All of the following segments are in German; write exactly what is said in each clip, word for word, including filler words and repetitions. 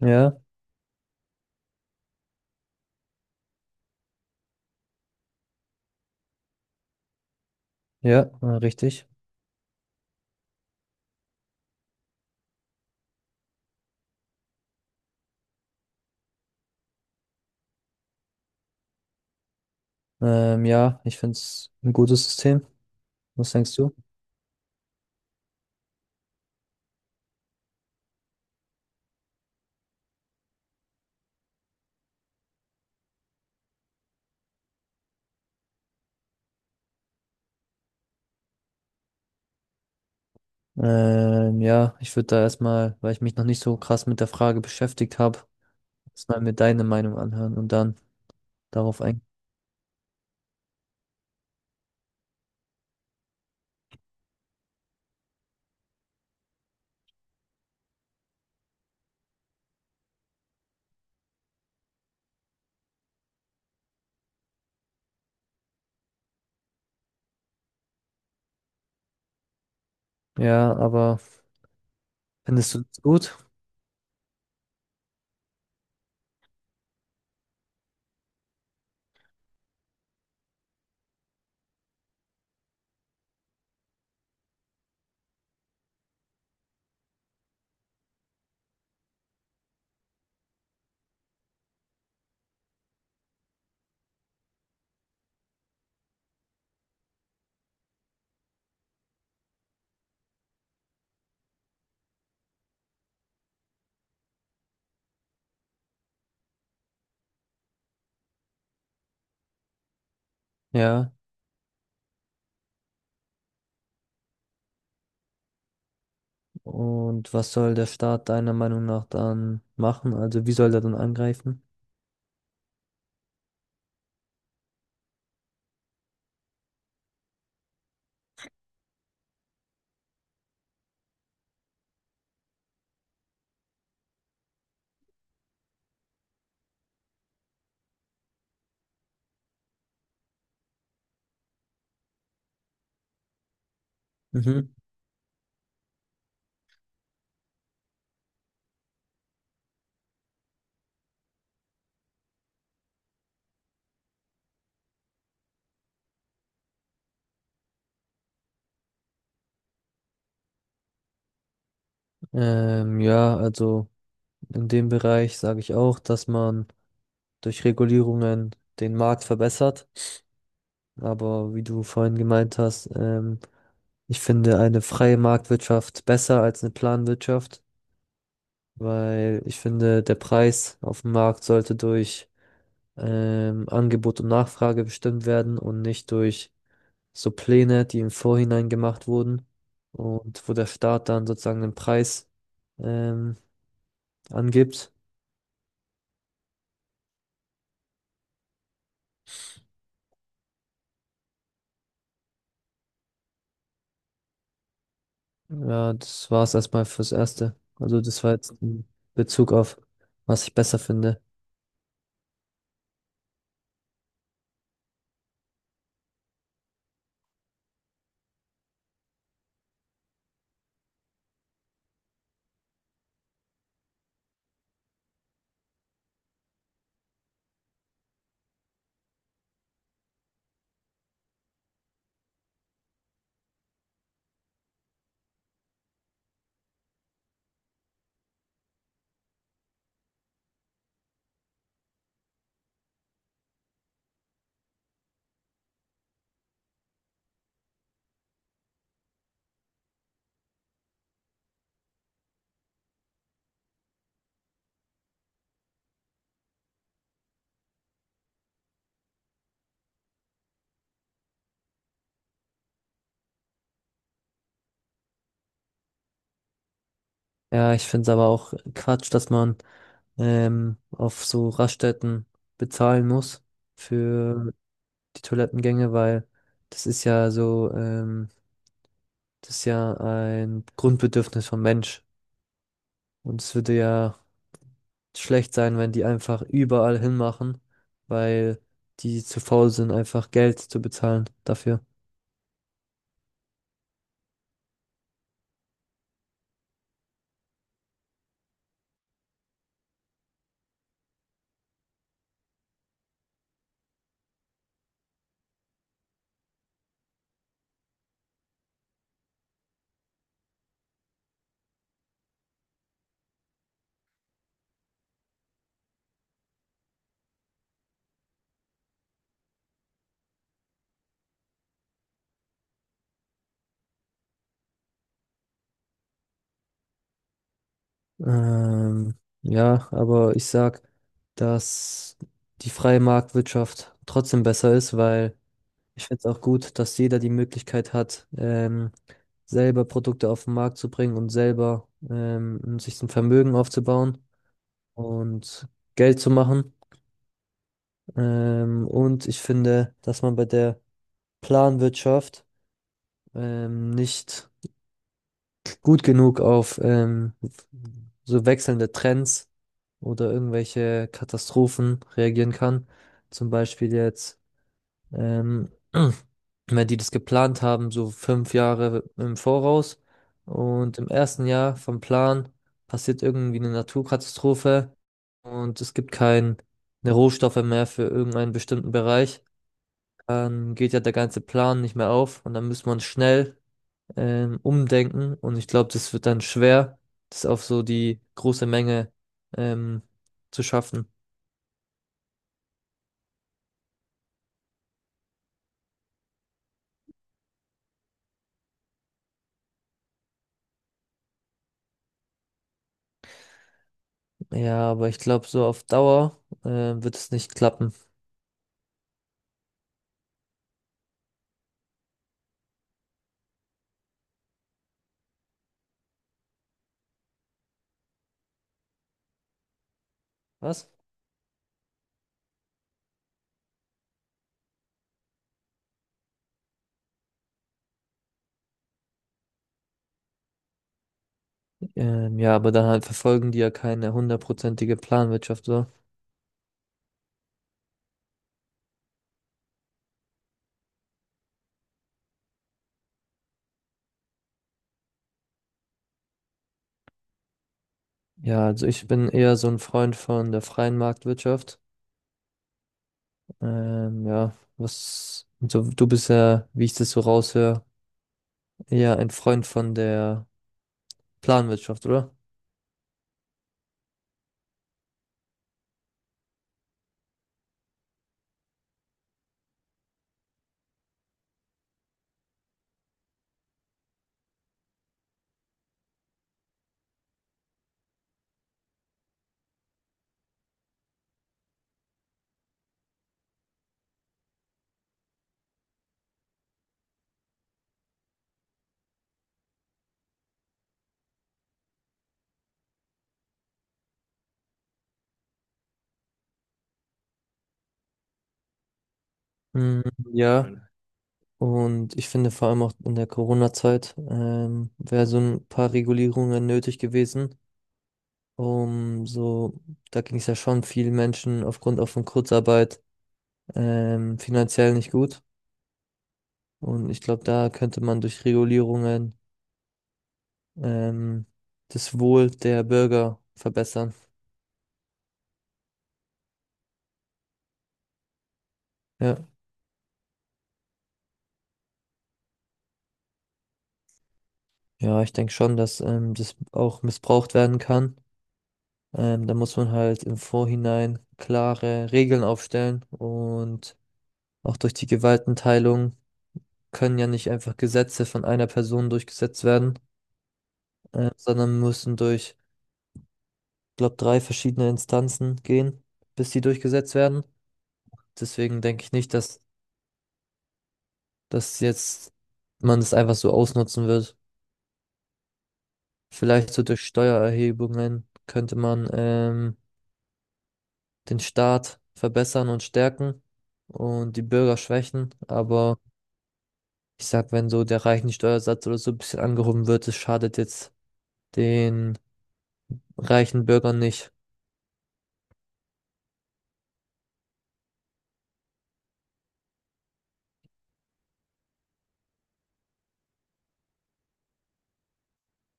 Ja, ja, äh, richtig. Ähm, ja, ich finde es ein gutes System. Was denkst du? Ähm, ja, ich würde da erstmal, weil ich mich noch nicht so krass mit der Frage beschäftigt habe, erstmal mir deine Meinung anhören und dann darauf eingehen. Ja, aber findest du es gut? Ja, und was soll der Staat deiner Meinung nach dann machen? Also wie soll er dann angreifen? Mhm. Ähm, ja, also in dem Bereich sage ich auch, dass man durch Regulierungen den Markt verbessert. Aber wie du vorhin gemeint hast, ähm, ich finde eine freie Marktwirtschaft besser als eine Planwirtschaft, weil ich finde, der Preis auf dem Markt sollte durch ähm, Angebot und Nachfrage bestimmt werden und nicht durch so Pläne, die im Vorhinein gemacht wurden und wo der Staat dann sozusagen den Preis ähm, angibt. Ja, das war es erstmal fürs Erste. Also das war jetzt in Bezug auf, was ich besser finde. Ja, ich finde es aber auch Quatsch, dass man ähm, auf so Raststätten bezahlen muss für die Toilettengänge, weil das ist ja so, ähm, das ist ja ein Grundbedürfnis vom Mensch. Und es würde ja schlecht sein, wenn die einfach überall hinmachen, weil die zu faul sind, einfach Geld zu bezahlen dafür. Ähm, ja, aber ich sag, dass die freie Marktwirtschaft trotzdem besser ist, weil ich finde es auch gut, dass jeder die Möglichkeit hat, ähm, selber Produkte auf den Markt zu bringen und selber ähm, sich ein Vermögen aufzubauen und Geld zu machen. Ähm, und ich finde, dass man bei der Planwirtschaft ähm, nicht gut genug auf ähm, so wechselnde Trends oder irgendwelche Katastrophen reagieren kann. Zum Beispiel jetzt. Ähm, weil die das geplant haben, so fünf Jahre im Voraus. Und im ersten Jahr vom Plan passiert irgendwie eine Naturkatastrophe und es gibt keine Rohstoffe mehr für irgendeinen bestimmten Bereich. Dann geht ja der ganze Plan nicht mehr auf und dann muss man schnell ähm, umdenken. Und ich glaube, das wird dann schwer, das auf so die große Menge ähm, zu schaffen. Ja, aber ich glaube, so auf Dauer äh, wird es nicht klappen. Was? Ähm, ja, aber dann halt verfolgen die ja keine hundertprozentige Planwirtschaft so. Ja, also ich bin eher so ein Freund von der freien Marktwirtschaft. Ähm, ja, was, so, du bist ja, wie ich das so raushöre, eher ein Freund von der Planwirtschaft, oder? Mm, ja, und ich finde vor allem auch in der Corona-Zeit ähm, wäre so ein paar Regulierungen nötig gewesen, um so, da ging es ja schon vielen Menschen aufgrund auch von Kurzarbeit ähm, finanziell nicht gut. Und ich glaube, da könnte man durch Regulierungen ähm, das Wohl der Bürger verbessern. Ja, ja, ich denke schon, dass ähm, das auch missbraucht werden kann. Ähm, da muss man halt im Vorhinein klare Regeln aufstellen und auch durch die Gewaltenteilung können ja nicht einfach Gesetze von einer Person durchgesetzt werden, äh, sondern müssen durch, glaube, drei verschiedene Instanzen gehen, bis die durchgesetzt werden. Deswegen denke ich nicht, dass dass jetzt man das einfach so ausnutzen wird. Vielleicht so durch Steuererhebungen könnte man ähm, den Staat verbessern und stärken und die Bürger schwächen. Aber ich sag, wenn so der reichen Steuersatz oder so ein bisschen angehoben wird, das schadet jetzt den reichen Bürgern nicht.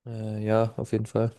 Äh, ja, auf jeden Fall.